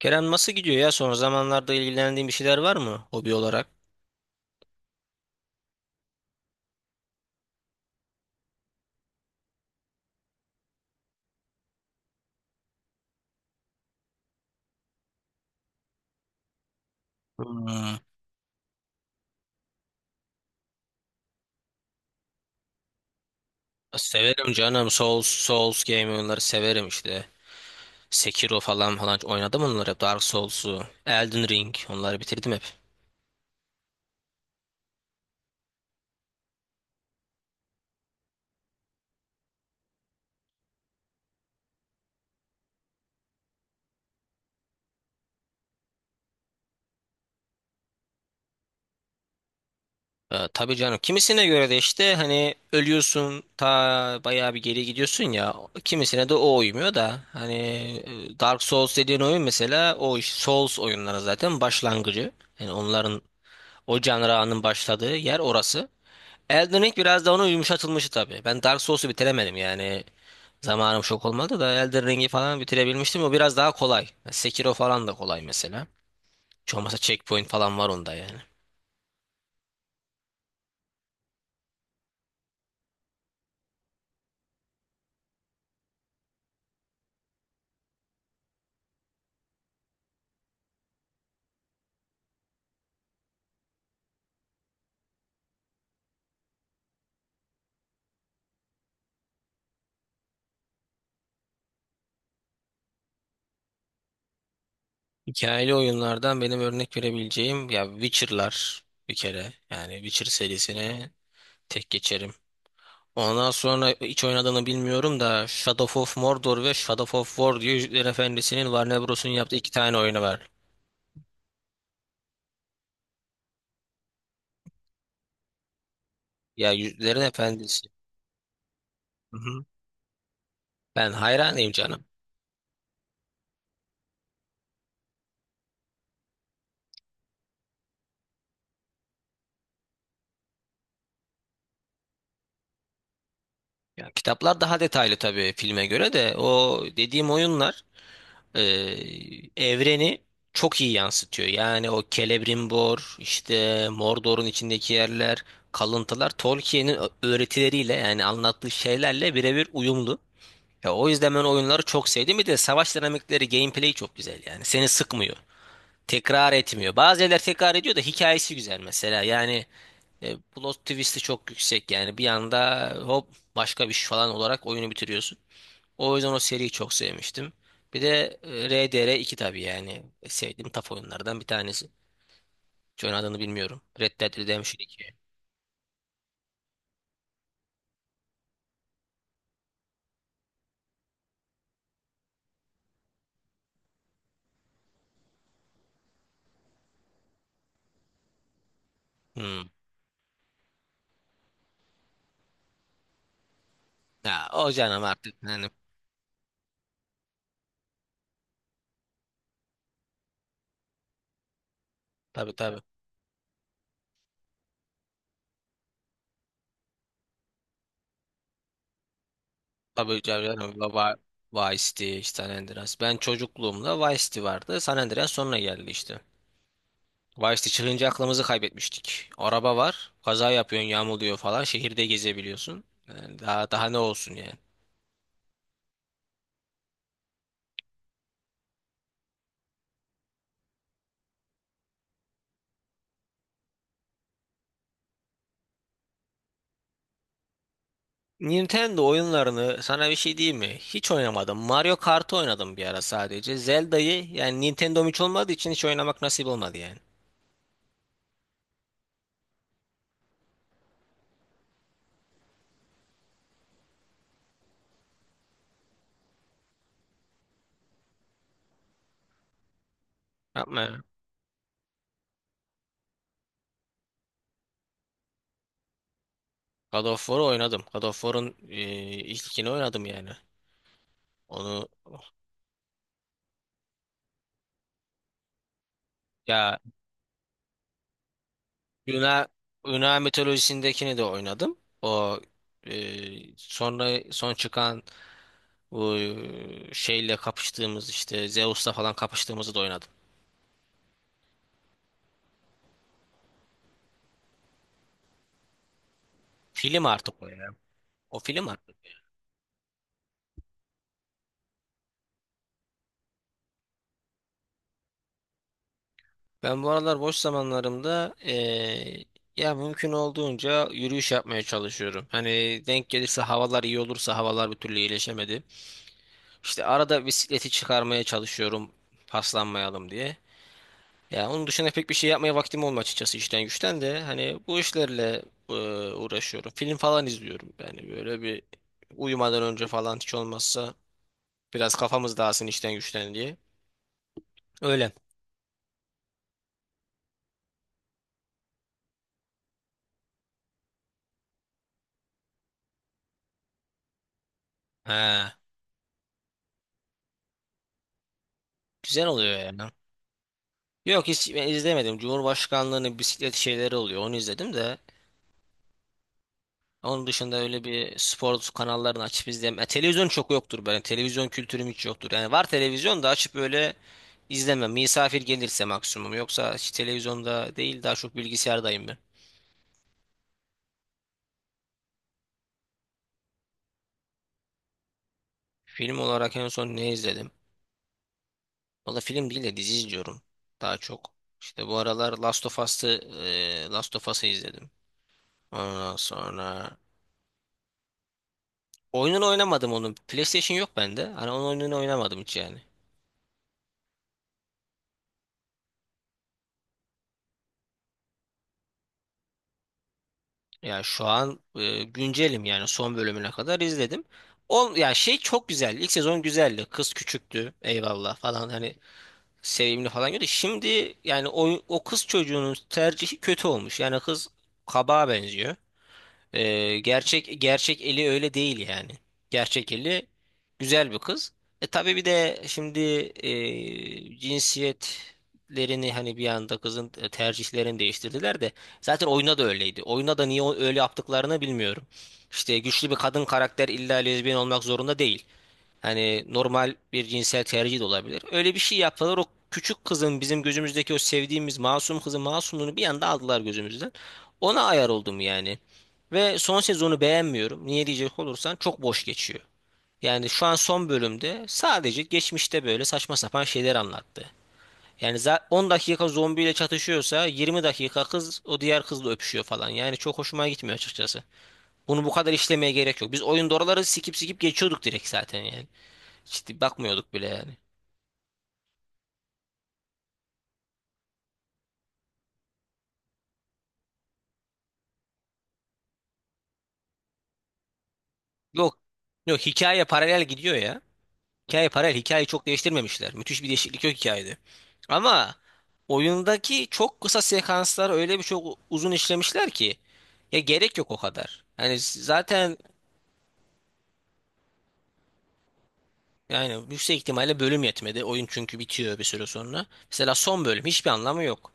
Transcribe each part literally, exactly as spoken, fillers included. Kerem nasıl gidiyor ya? Son zamanlarda ilgilendiğin bir şeyler var mı hobi olarak? Hmm. Severim canım. Souls, Souls game oyunları severim işte. Sekiro falan falan oynadım onları hep. Dark Souls'u, Elden Ring onları bitirdim hep. Ee, tabii canım. Kimisine göre de işte hani ölüyorsun ta bayağı bir geri gidiyorsun ya. Kimisine de o uymuyor da hani e, Dark Souls dediğin oyun mesela o iş- Souls oyunları zaten başlangıcı. Yani onların o canranın başladığı yer orası. Elden Ring biraz da onun yumuşatılmışı tabii. Ben Dark Souls'u bitiremedim yani. Zamanım çok olmadı da Elden Ring'i falan bitirebilmiştim. O biraz daha kolay. Sekiro falan da kolay mesela. Hiç olmazsa checkpoint falan var onda yani. Hikayeli oyunlardan benim örnek verebileceğim ya Witcher'lar bir kere. Yani Witcher serisini tek geçerim. Ondan sonra hiç oynadığını bilmiyorum da Shadow of Mordor ve Shadow of War diye Yüzüklerin Efendisi'nin Warner Bros'un yaptığı iki tane oyunu var. Ya Yüzüklerin Efendisi. Hı hı. Ben hayranıyım canım. Ya kitaplar daha detaylı tabii filme göre de o dediğim oyunlar e, evreni çok iyi yansıtıyor. Yani o Celebrimbor, işte Mordor'un içindeki yerler, kalıntılar Tolkien'in ö- öğretileriyle yani anlattığı şeylerle birebir uyumlu. Ya o yüzden ben oyunları çok sevdim. Bir de savaş dinamikleri, gameplay çok güzel yani. Seni sıkmıyor, tekrar etmiyor. Bazı yerler tekrar ediyor da hikayesi güzel mesela. Yani e, plot twist'i çok yüksek. Yani bir anda hop başka bir şey falan olarak oyunu bitiriyorsun. O yüzden o seriyi çok sevmiştim. Bir de e, R D R iki tabii yani sevdiğim taf oyunlardan bir tanesi. Hiç adını bilmiyorum. Red Dead Redemption iki. Hmm. Ya o canım artık yani, tabii tabii. Tabii canım baba Vice City, işte San Andreas. Ben çocukluğumda Vice City vardı. San Andreas sonra geldi işte. Vice'de çıkınca aklımızı kaybetmiştik. Araba var, kaza yapıyorsun, yağmalıyor falan, şehirde gezebiliyorsun. Yani daha daha ne olsun yani. Nintendo oyunlarını sana bir şey diyeyim mi? Hiç oynamadım. Mario Kart'ı oynadım bir ara sadece. Zelda'yı yani Nintendo'm hiç olmadığı için hiç oynamak nasip olmadı yani. Yapma ya. God of War'u oynadım. God of War'un e, ilk ikini oynadım yani. Onu ya Yunan Yunan mitolojisindekini de oynadım. O e, sonra son çıkan bu e, şeyle kapıştığımız işte Zeus'la falan kapıştığımızı da oynadım. Film artık o ya. O film artık. Ben bu aralar boş zamanlarımda eee, ya mümkün olduğunca yürüyüş yapmaya çalışıyorum. Hani denk gelirse havalar iyi olursa havalar bir türlü iyileşemedi. İşte arada bisikleti çıkarmaya çalışıyorum paslanmayalım diye. Ya onun dışında pek bir şey yapmaya vaktim olmuyor açıkçası işten güçten de hani bu işlerle eee, uğraşıyorum. Film falan izliyorum yani böyle bir uyumadan önce falan hiç olmazsa biraz kafamız dağılsın işten güçten diye. Öyle. He. Güzel oluyor yani. Yok hiç ben izlemedim. Cumhurbaşkanlığının bisiklet şeyleri oluyor. Onu izledim de. Onun dışında öyle bir spor kanallarını açıp izleyemem. E, televizyon çok yoktur benim. Televizyon kültürüm hiç yoktur. Yani var televizyon da açıp böyle izlemem. Misafir gelirse maksimum. Yoksa hiç televizyonda değil daha çok bilgisayardayım ben. Film olarak en son ne izledim? Valla film değil de dizi izliyorum. Daha çok. İşte bu aralar Last of Us'ı, e, Last of Us'ı izledim. Ondan sonra oyununu oynamadım onun. PlayStation yok bende. Hani onun oyununu oynamadım hiç yani. Ya şu an e, güncelim yani son bölümüne kadar izledim. On, ya şey çok güzel. İlk sezon güzeldi. Kız küçüktü. Eyvallah falan hani sevimli falan gördü. Şimdi yani o, o kız çocuğunun tercihi kötü olmuş. Yani kız kabağa benziyor. Ee, gerçek gerçek Eli öyle değil yani. Gerçek Eli güzel bir kız. E tabii bir de şimdi e, cinsiyetlerini hani bir anda kızın e, tercihlerini değiştirdiler de zaten oyuna da öyleydi. Oyuna da niye o- öyle yaptıklarını bilmiyorum. İşte güçlü bir kadın karakter illa lezbiyen olmak zorunda değil. Hani normal bir cinsel tercih de olabilir. Öyle bir şey yaptılar. O küçük kızın bizim gözümüzdeki o sevdiğimiz masum kızın masumluğunu bir anda aldılar gözümüzden. Ona ayar oldum yani. Ve son sezonu beğenmiyorum. Niye diyecek olursan çok boş geçiyor. Yani şu an son bölümde sadece geçmişte böyle saçma sapan şeyler anlattı. Yani za- on dakika zombiyle çatışıyorsa yirmi dakika kız o diğer kızla öpüşüyor falan. Yani çok hoşuma gitmiyor açıkçası. Bunu bu kadar işlemeye gerek yok. Biz oyunda oraları sikip sikip geçiyorduk direkt zaten yani. Ciddi bakmıyorduk bile yani. Yok. Yok, hikaye paralel gidiyor ya. Hikaye paralel. Hikayeyi çok değiştirmemişler. Müthiş bir değişiklik yok hikayede. Ama oyundaki çok kısa sekanslar öyle bir çok uzun işlemişler ki ya gerek yok o kadar. Yani zaten yani yüksek ihtimalle bölüm yetmedi. Oyun çünkü bitiyor bir süre sonra. Mesela son bölüm hiçbir anlamı yok.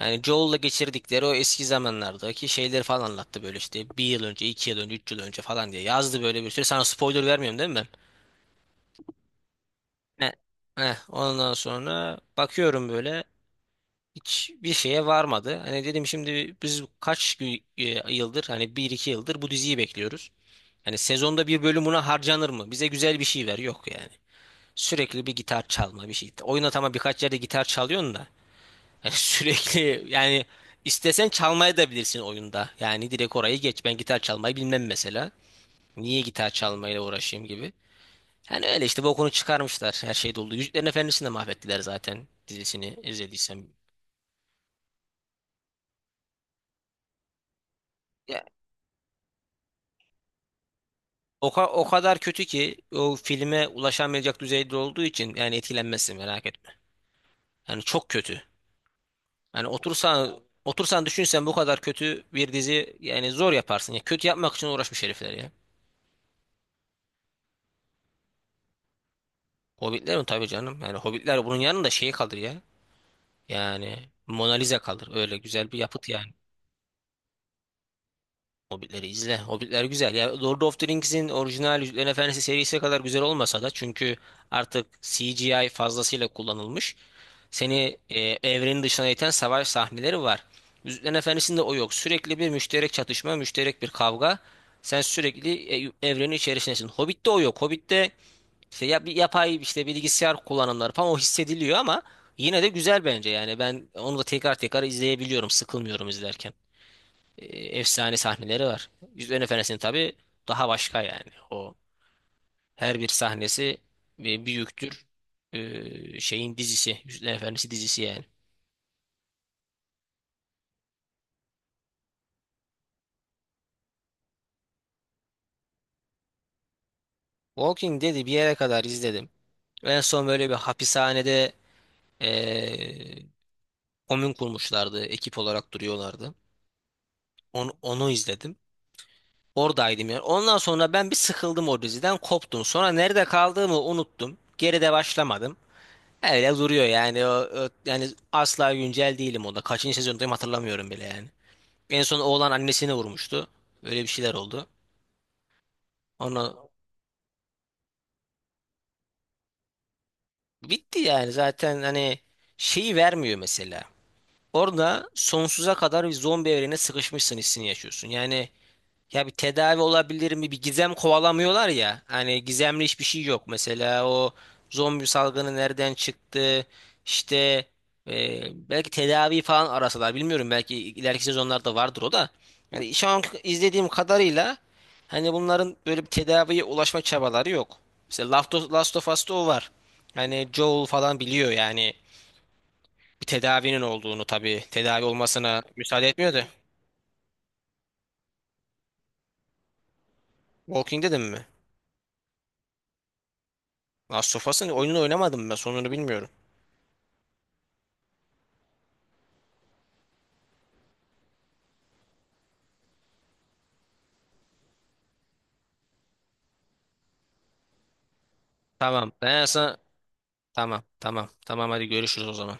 Yani Joel'la geçirdikleri o eski zamanlardaki şeyleri falan anlattı böyle işte bir yıl önce, iki yıl önce, üç yıl önce falan diye yazdı böyle bir sürü. Sana spoiler vermiyorum, değil mi? Ne? Heh, ondan sonra bakıyorum böyle hiçbir şeye varmadı. Hani dedim şimdi biz kaç gü- e, yıldır hani bir iki yıldır bu diziyi bekliyoruz. Hani sezonda bir bölüm buna harcanır mı? Bize güzel bir şey ver. Yok yani. Sürekli bir gitar çalma bir şey. Oyuna tamam birkaç yerde gitar çalıyorsun da. Hani sürekli yani istesen çalmayı da bilirsin oyunda. Yani direkt orayı geç. Ben gitar çalmayı bilmem mesela. Niye gitar çalmayla uğraşayım gibi. Yani öyle işte bokunu çıkarmışlar. Her şey doldu. Yüzüklerin Efendisi'ni de mahvettiler zaten dizisini izlediysem. Ya, o, ka- o kadar kötü ki o filme ulaşamayacak düzeyde olduğu için yani etkilenmezsin merak etme. Yani çok kötü. Yani otursan otursan düşünsen bu kadar kötü bir dizi yani zor yaparsın. Ya, kötü yapmak için uğraşmış herifler ya. Hobbitler mi tabii canım. Yani Hobbitler bunun yanında şey kalır ya. Yani Mona Lisa kalır. Öyle güzel bir yapıt yani. Hobbitleri izle. Hobbitler güzel. Ya Lord of the Rings'in orijinal Yüzüklerin Efendisi serisi kadar güzel olmasa da çünkü artık C G I fazlasıyla kullanılmış. Seni e, evrenin dışına iten savaş sahneleri var. Yüzüklerin Efendisi'nde o yok. Sürekli bir müşterek çatışma, müşterek bir kavga. Sen sürekli e, evrenin içerisindesin. Hobbit'te o yok. Hobbit'te işte ya bir yapay işte bilgisayar kullanımları falan o hissediliyor ama yine de güzel bence yani ben onu da tekrar tekrar izleyebiliyorum. Sıkılmıyorum izlerken e, efsane sahneleri var. Yüzüklerin Efendisi'nin tabii daha başka yani. O her bir sahnesi bir büyüktür. E, şeyin dizisi, Yüzüklerin Efendisi dizisi yani. Walking Dead'i bir yere kadar izledim. En son böyle bir hapishanede e, komün kurmuşlardı. Ekip olarak duruyorlardı. Onu, onu izledim. Oradaydım yani. Ondan sonra ben bir sıkıldım o diziden, koptum. Sonra nerede kaldığımı unuttum. Geride başlamadım. Öyle duruyor yani. O, o- yani asla güncel değilim o da. Kaçıncı sezondayım hatırlamıyorum bile yani. En son oğlan annesini vurmuştu. Öyle bir şeyler oldu. Ona bitti yani zaten hani şeyi vermiyor mesela. Orada sonsuza kadar bir zombi evrene sıkışmışsın hissini yaşıyorsun. Yani ya bir tedavi olabilir mi? Bir gizem kovalamıyorlar ya. Hani gizemli hiçbir şey yok. Mesela o zombi salgını nereden çıktı? İşte e, belki tedavi falan arasalar. Bilmiyorum belki ileriki sezonlarda vardır o da. Yani şu an izlediğim kadarıyla hani bunların böyle bir tedaviye ulaşma çabaları yok. Mesela Last of Last of Us'ta o var. Hani Joel falan biliyor yani bir tedavinin olduğunu tabii. Tedavi olmasına müsaade etmiyor da. Walking dedim mi? Last of Us'ın oyununu oynamadım, ben sonunu bilmiyorum. Tamam, ben sana tamam tamam tamam hadi görüşürüz o zaman.